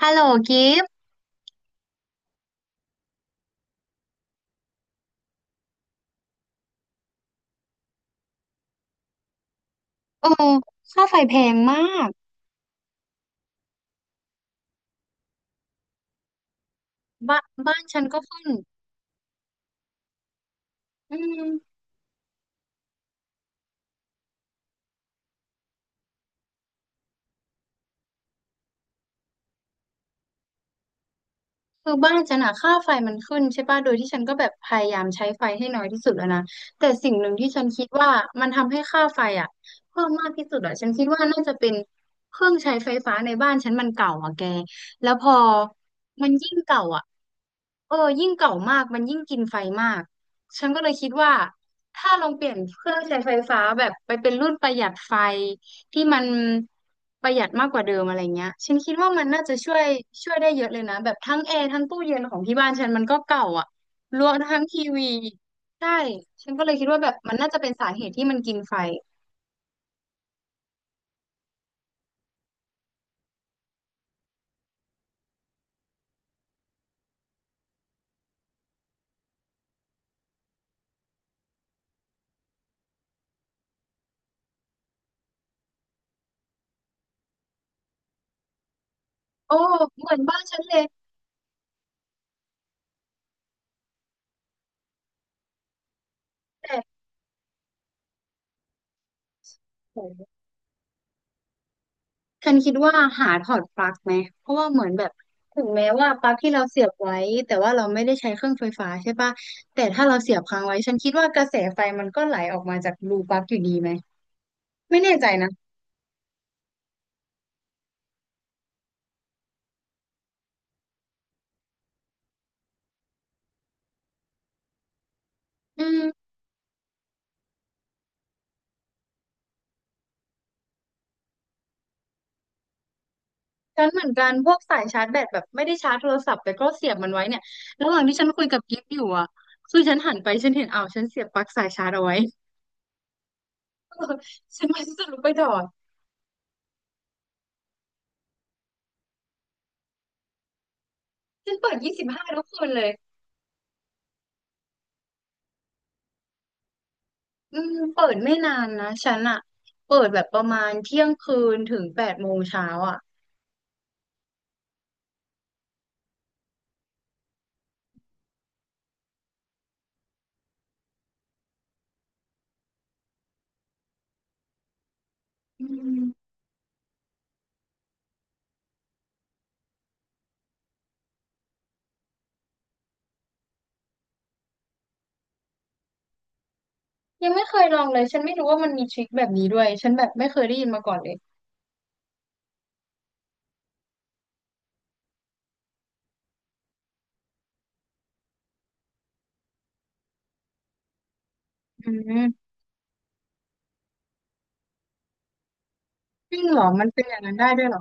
ฮัลโหลกิฟต์เออค่าไฟแพงมากบ้านฉันก็ขึ้นอืมคือบ้านฉันอะค่าไฟมันขึ้นใช่ป่ะโดยที่ฉันก็แบบพยายามใช้ไฟให้น้อยที่สุดแล้วนะแต่สิ่งหนึ่งที่ฉันคิดว่ามันทำให้ค่าไฟอะเพิ่มมากที่สุดอะฉันคิดว่าน่าจะเป็นเครื่องใช้ไฟฟ้าในบ้านฉันมันเก่าอะแกแล้วพอมันยิ่งเก่าอะเออยิ่งเก่ามากมันยิ่งกินไฟมากฉันก็เลยคิดว่าถ้าลองเปลี่ยนเครื่องใช้ไฟฟ้าแบบไปเป็นรุ่นประหยัดไฟ ที่มันประหยัดมากกว่าเดิมอะไรเงี้ยฉันคิดว่ามันน่าจะช่วยได้เยอะเลยนะแบบทั้งแอร์ทั้งตู้เย็นของที่บ้านฉันมันก็เก่าอ่ะรวมทั้งทีวีใช่ฉันก็เลยคิดว่าแบบมันน่าจะเป็นสาเหตุที่มันกินไฟโอ้เหมือนบ้านฉันเลยแต่ฉันคิดว่าหาถอดปลั๊กไหมเพราะว่าเหมือนแบบถึงแม้ว่าปลั๊กที่เราเสียบไว้แต่ว่าเราไม่ได้ใช้เครื่องไฟฟ้าใช่ปะแต่ถ้าเราเสียบค้างไว้ฉันคิดว่ากระแสไฟมันก็ไหลออกมาจากรูปลั๊กอยู่ดีไหมไม่แน่ใจนะ อืม ฉันเหมือนกันพวกสายชาร์จแบตแบบไม่ได้ชาร์จโทรศัพท์แต่ก็เสียบมันไว้เนี่ยระหว่างที่ฉันคุยกับกิฟอยู่อ่ะคือฉันหันไปฉันเห็นอ้าวฉันเสียบปลั๊กสายชาร์จเอาไว้ ฉันไม่รู้จะลุกไปถอดฉันเปิด25ทุกคืนเลยอืมเปิดไม่นานนะฉันอ่ะเปิดแบบประมาณเที่ยงคืนถึง8 โมงเช้าอ่ะอืมยังไม่เคยลองเลยฉันไม่รู้ว่ามันมีทริคแบบนี้ด้วยฉันแบบไม่เคยได้ยินมาก่อนเลยอืมจริงเหรอมันเป็นอย่างนั้นได้ด้วยเหรอ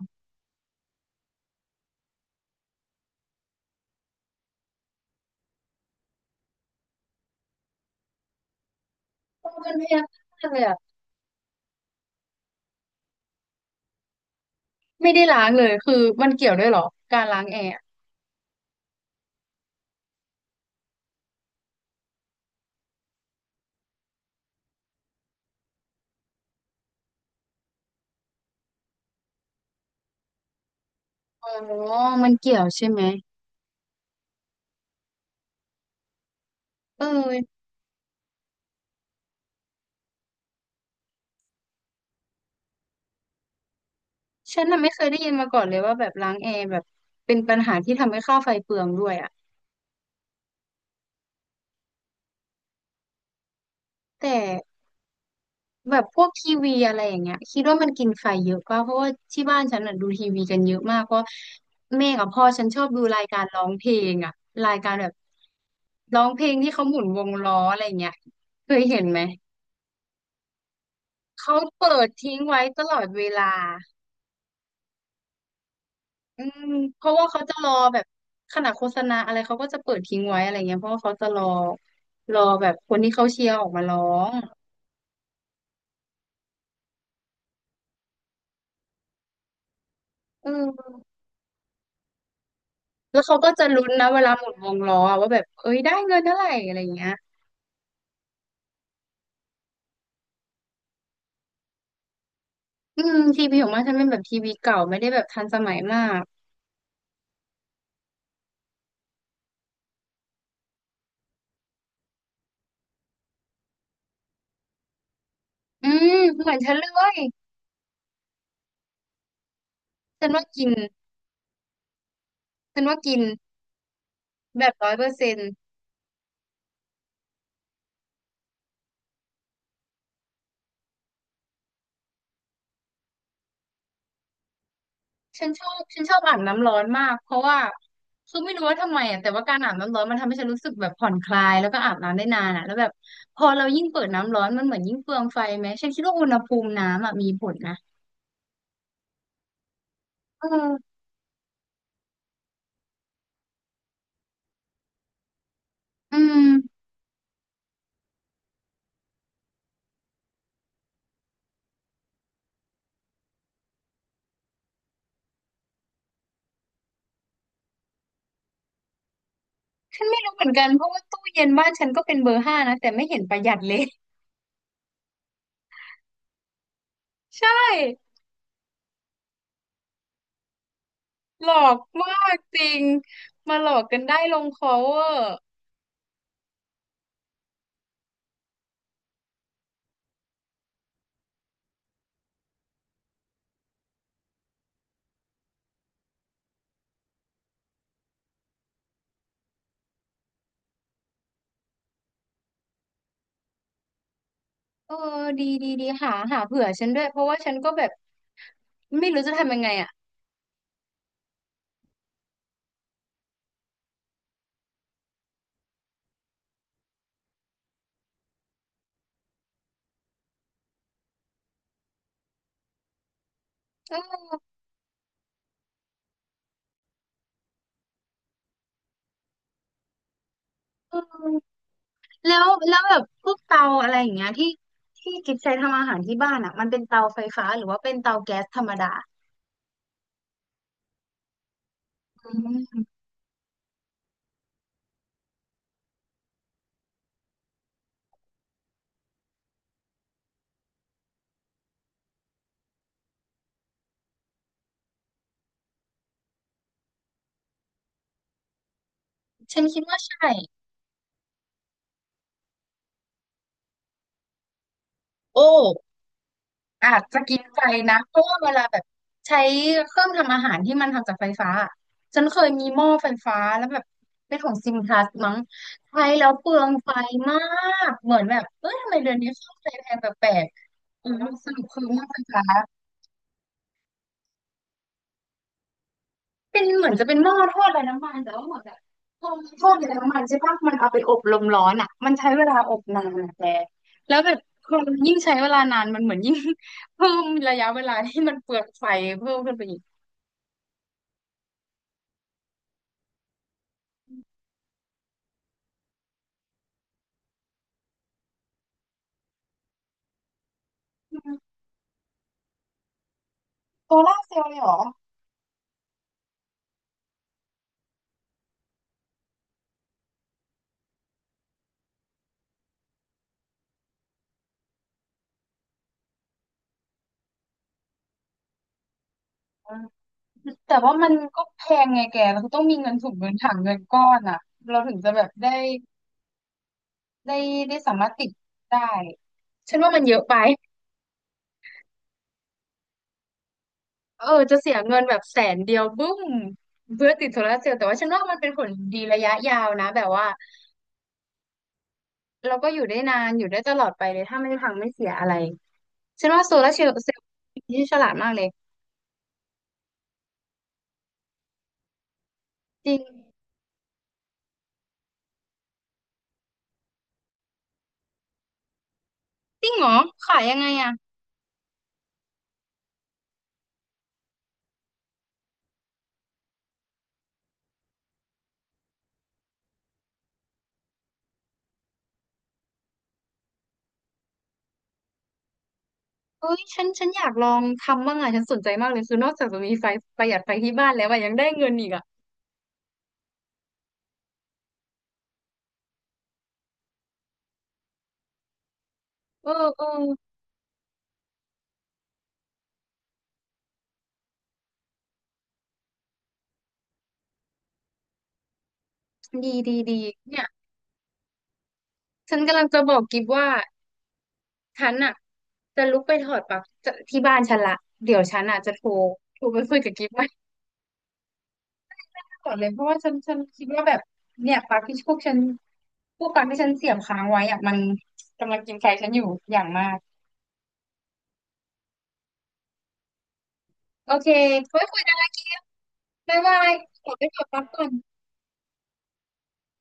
เออมันพยายามมากเลยอ่ะไม่ได้ล้างเลยคือมันเกี่ยวด้วยเหรอการล้างแอร์ อ๋อมันเกี่ยวใช่ไหมเออฉันน่ะไม่เคยได้ยินมาก่อนเลยว่าแบบล้างแอร์แบบเป็นปัญหาที่ทำให้ค่าไฟเปลืองด้วยอะแต่แบบพวกทีวีอะไรอย่างเงี้ยคิดว่ามันกินไฟเยอะป่ะเพราะว่าที่บ้านฉันน่ะดูทีวีกันเยอะมากเพราะแม่กับพ่อฉันชอบดูรายการร้องเพลงอะรายการแบบร้องเพลงที่เขาหมุนวงล้ออะไรเงี้ยเคยเห็นไหมเขาเปิดทิ้งไว้ตลอดเวลา อืมเพราะว่าเขาจะรอแบบขนาดโฆษณาอะไรเขาก็จะเปิดทิ้งไว้อะไรเงี้ยเพราะว่าเขาจะรอแบบคนที่เขาเชียร์ออกมาร้องเออแล้วเขาก็จะลุ้นนะเวลาหมุนวงล้ออะว่าแบบเอ้ยได้เงินเท่าไหร่อะไรเงี้ยอืมทีวีของมันฉันเป็นแบบทีวีเก่าไม่ได้แบบทันสมัยมากอืมเหมือนฉันเลยฉันว่ากินฉันว่ากินแบบ100% ฉันชอบอาบน้ำร้อนมากเพราะว่าคือไม่รู้ว่าทำไมอ่ะแต่ว่าการอาบน้ำร้อนมันทำให้ฉันรู้สึกแบบผ่อนคลายแล้วก็อาบน้ำได้นานอ่ะแล้วแบบพอเรายิ่งเปิดน้ำร้อนมันเหมือนยิ่งเฟืองไฟไหมฉันคิดว่าอุณหภูมิน้ำอ่ะมีผลนะเอออืมฉันไม่รู้เหมือนกันเพราะว่าตู้เย็นบ้านฉันก็เป็นเบอร์ 5นะแต่ไม่เห็นประหยัดเลยใช่หลอกมากจริงมาหลอกกันได้ลงคอเวอร์เออดีดีดีหาเผื่อฉันด้วยเพราะว่าฉันก็แบบไม่รู้จะทำยังไงอ่ะเออ อืมแล้วแบบพวกเตาอะไรอย่างเงี้ยที่ที่กิฟใช้ทำอาหารที่บ้านอ่ะมันเป็นเตาไฟฟ้าหรือว่าเป็นเตาแก๊สธรรมดาอืมฉันคิดว่าใช่โอ้อาจจะกินไฟนะเพราะว่าเวลาแบบใช้เครื่องทำอาหารที่มันทำจากไฟฟ้าอะฉันเคยมีหม้อไฟฟ้าแล้วแบบเป็นของซิมพลัสมั้งใช้แล้วเปลืองไฟมากเหมือนแบบเอ้ยทำไมเดือนนี้ค่าไฟแพงแปลกๆอืมสรุปคือหม้อไฟฟ้า เป็นเหมือนจะเป็นหม้อทอดไร้น้ำมันแต่ว่าเหมือนแบบพอมันทอดไร้น้ำมันใช่ปะมันเอาไปอบลมร้อนอ่ะมันใช้เวลาอบนานอะแต่แล้วแบบพอมันยิ่งใช้เวลานานมันเหมือนยิ่ง เพิ่มระยะเวลาที่มันเปลืองไฟเพิ่มขึ้นไปอีกอืมโซล่าร์เซลล์เลยเหรออืมแต่ว่ามันก็แพงไงแกเราต้องมีเงินถุงเงินถังเงินก้อนอ่ะเราถึงจะแบบได้ได้ได้สามารถติดได้ฉันว่ามันเยอะไป เออจะเสียเงินแบบแสนเดียวบึ้มเพื่อติดโซลาร์เซลล์แต่ว่าฉันว่ามันเป็นผลดีระยะยาวนะแบบว่าเราก็อยู่ได้นานอยู่ได้ตลอดไปเลยถ้าไม่พังไม่เสียอะไรฉันว่าโซลาร์เซลล์เป็นที่ฉลาดมากเลยจริงจริงเหรอขายยังไงอ่ะเอ้ยฉันอยากลองทำบ้างอ่ะฉันสนใจมากเลยคือนอกจากจะมีไฟประหยัดไฟที่บ้านแล้วอะยังได้เงินอีกอ่ะเออเออดีดีดีเนี่ยฉันกำลังจะบอกกิฟว่า ฉันอ่ะจะลุกไปถอดปลั๊กจะที่บ้านฉันละเดี๋ยวฉันอ่ะจะโทรไปคุยกับกิ๊ฟไม่ถอดเลยเพราะว่าฉันคิดว่าแบบเนี่ยปลั๊กที่พวกปลั๊กที่ฉันเสียบค้างไว้อ่ะมันกำลังกินไฟฉันอยู่อย่างมากโอเคไว้คุยกันนะกิ๊ฟบ๊ายบายขอไปถอดปลั๊กก่อน